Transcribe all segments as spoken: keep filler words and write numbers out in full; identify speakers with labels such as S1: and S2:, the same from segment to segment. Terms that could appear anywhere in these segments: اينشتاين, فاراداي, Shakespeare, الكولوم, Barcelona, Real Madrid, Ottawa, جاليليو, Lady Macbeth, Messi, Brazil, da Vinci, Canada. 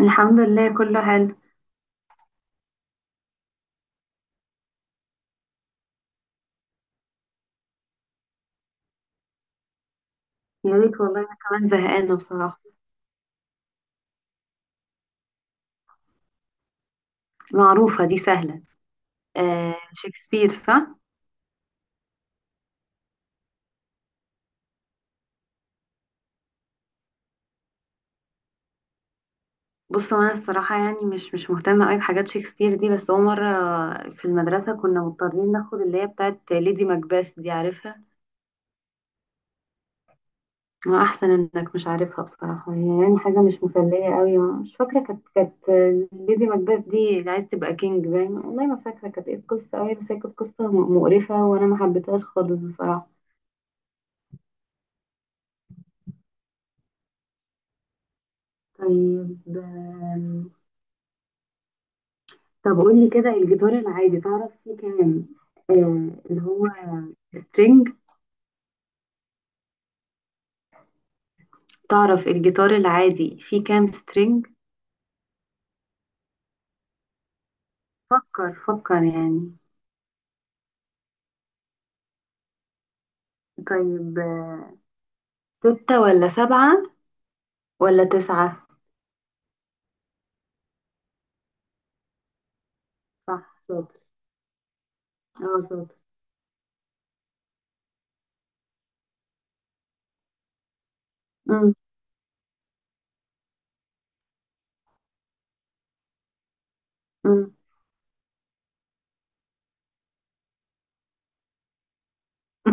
S1: الحمد لله، كله حلو. يا ريت والله، انا كمان زهقانه بصراحه. معروفه دي، سهله. آه شكسبير صح. بص هو انا الصراحه يعني مش مش مهتمه قوي بحاجات شكسبير دي، بس هو مره في المدرسه كنا مضطرين ناخد اللي هي بتاعت ليدي ماكبث دي، عارفها؟ ما احسن انك مش عارفها بصراحه، هي يعني حاجه مش مسليه قوي. ما- مش فاكره، كانت كانت ليدي ماكبث دي اللي عايز تبقى كينج باين، والله ما فاكره كانت ايه القصه قوي، بس هي كانت قصه مقرفه وانا ما حبيتهاش خالص بصراحه. طيب، طب قول لي كده، الجيتار العادي تعرف فيه كام؟ آه اللي هو سترينج. تعرف الجيتار العادي فيه كام سترينج؟ فكر فكر يعني. طيب آه، ستة ولا سبعة، ولا تسعة؟ صح شاطر. اه شاطر. أم، أم،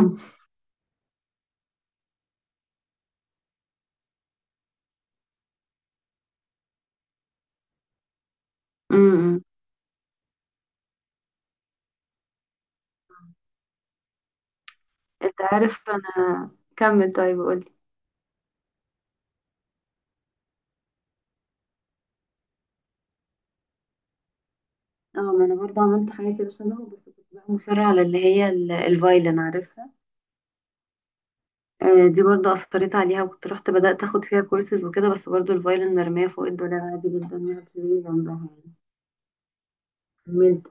S1: أم، أم، أم. انت عارف انا، كمل طيب قول لي. اه، ما انا برضه عملت حاجة كده شبهه، بس كنت بقى مصرة على اللي هي ال- الفايلن، عارفها؟ آه، دي برضو أثرت عليها، وكنت رحت بدأت أخد فيها كورسز وكده، بس برضو الفايلن مرمية فوق الدولاب عادي جدا، ما في جنبها يعني. كملت.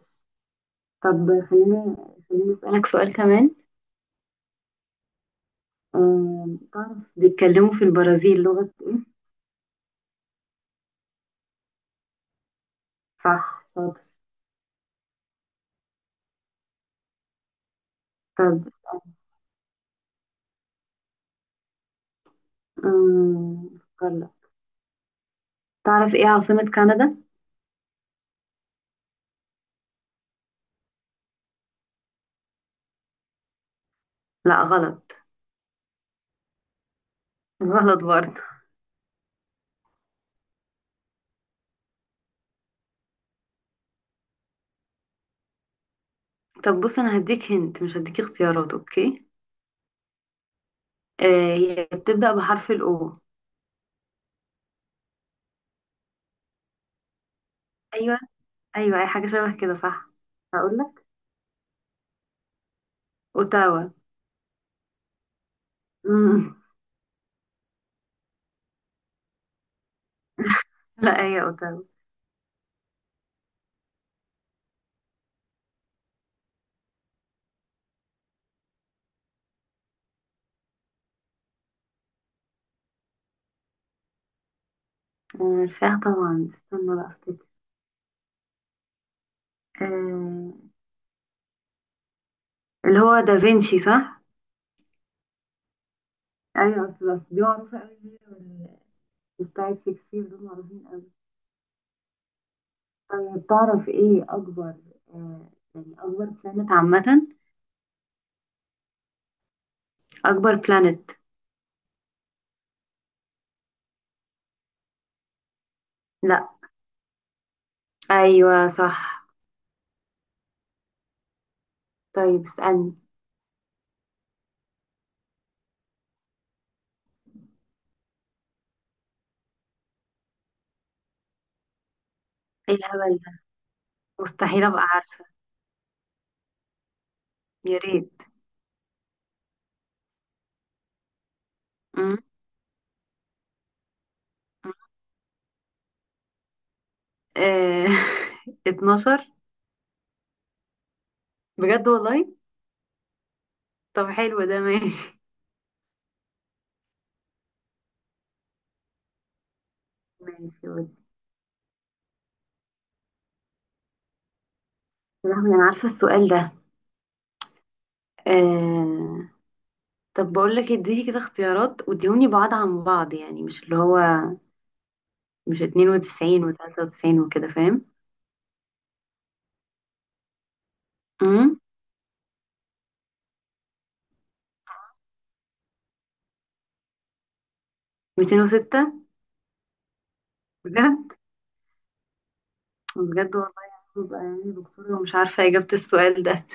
S1: طب خليني، خليني أسألك سؤال كمان. آه، تعرف بيتكلموا في البرازيل لغة إيه؟ صح شاطر. طب آم، أفكر لك. تعرف إيه عاصمة كندا؟ لا غلط. غلط برضه. طب بص، أنا هديك، هنت مش هديك اختيارات، أوكي. آه، هي بتبدأ بحرف الأو. أيوه، أيوه، أي حاجة شبه كده صح. هقول لك، أوتاوا. مم. لا هي اوتارو. آه، عارفاها طبعا، استنى بقى افتكر. آه، اللي هو دافنشي صح؟ ايوه اصل، أصل دي معروفة قوي، هي وال- وبتاعت شكسبير دول معروفين قوي. طيب تعرف ايه اكبر، آه، يعني اكبر بلانت عامة؟ اكبر بلانت. لا. ايوه صح. طيب اسألني. ايه الهبل ده، مستحيل ابقى عارفة. يا ريت. مم. آه، اتناشر. بجد والله. طب حلو ده، ماشي. ماشي قولي. يا لهوي، انا عارفة السؤال ده. آه، طب بقول لك، اديني كده اختيارات واديوني بعض عن بعض، يعني مش اللي هو، مش اتنين وتسعين و93 وكده، فاهم؟ امم، ميتين وستة. بجد. بجد والله، يعني ببقى يعني دكتور ومش عارفة إجابة السؤال ده.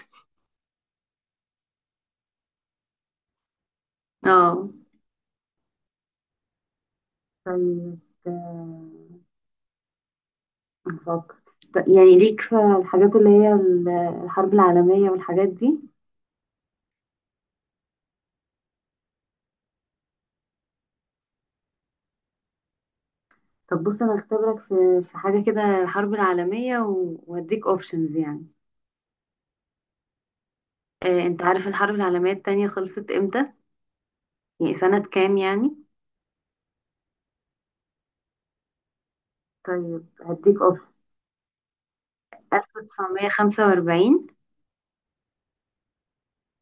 S1: اه. طيب آه، نفكر. طب يعني ليك في الحاجات اللي هي ال- الحرب العالمية والحاجات دي؟ طب بص، أنا هختبرك في في حاجة كده، الحرب العالمية و- وهديك اوبشنز يعني. آه، انت عارف الحرب العالمية التانية خلصت امتى؟ يعني سنة كام يعني. طيب هديك اوبشن. ألف وتسعمية وخمسة وأربعين،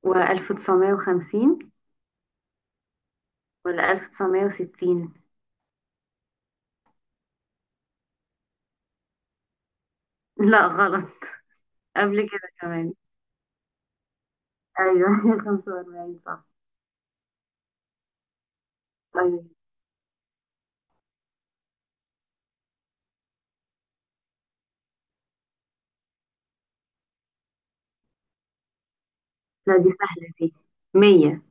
S1: و1950، ولا ألف وتسعمية وستين؟ لا غلط. قبل كده كمان. ايوه خمسة وأربعين صح. طيب. لا دي سهلة دي. مية.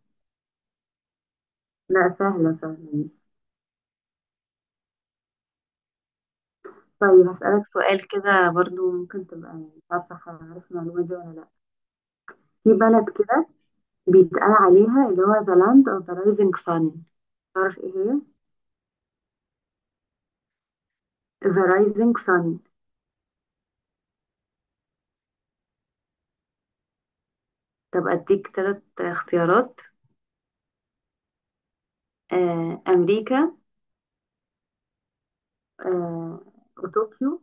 S1: لا سهلة سهلة دي. طيب هسألك سؤال كده برضو، ممكن تبقى مش عارفة، عارف المعلومة دي ولا لا. في بلد كده بيتقال عليها اللي هو the land of the rising sun، تعرف ايه هي؟ the rising sun. طب اديك ثلاث اختيارات. آه، أمريكا، آه، وطوكيو،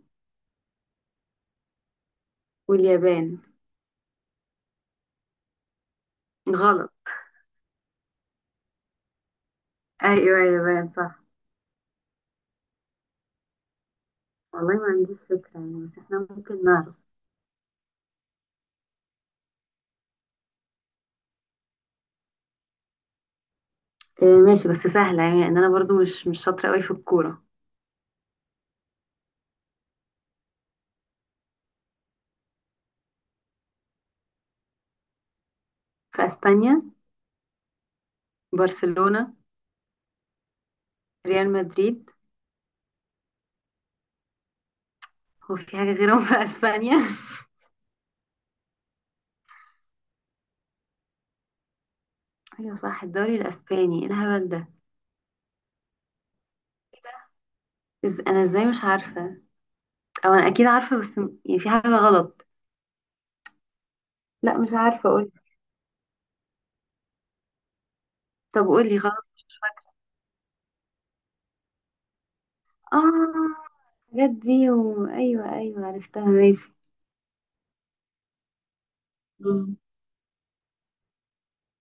S1: واليابان. غلط. أيوة اليابان صح. والله ما عنديش فكرة يعني، بس احنا ممكن نعرف. آه، ماشي بس سهلة، يعني أن أنا برضو مش مش شاطرة قوي في الكورة. في أسبانيا. برشلونة. ريال مدريد. هو في حاجة غيرهم في أسبانيا؟ أيوة صح، الدوري الأسباني، إيه الهبل ده. إز، أنا إزاي مش عارفة، أو أنا أكيد عارفة بس م- يعني في حاجة غلط. لا مش عارفة أقول. طب قولي خلاص. آه، الحاجات دي، و، أيوة أيوة عرفتها ماشي. مم.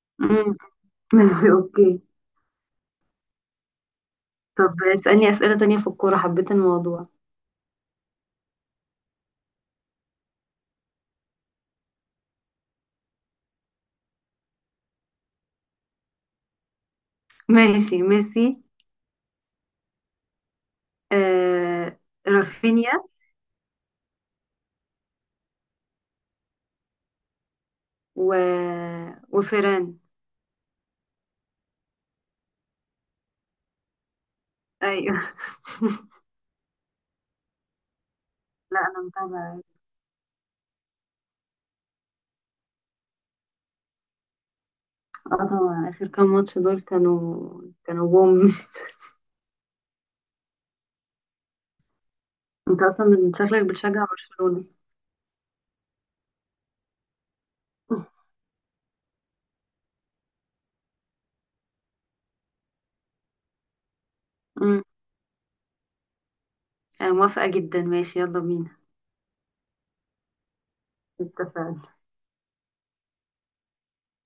S1: مم. ماشي اوكي. طب اسألني أسئلة تانية في الكورة، حبيت الموضوع. ماشي، ميسي، آه، رافينيا، و، وفيران. ايوه لا انا متابعة. اه طبعا، اخر كام ماتش دول كانوا كانوا بوم. انت اصلا شكلك بتشجع برشلونة. مم. آه موافقة جدا، ماشي يلا بينا. اتفقنا.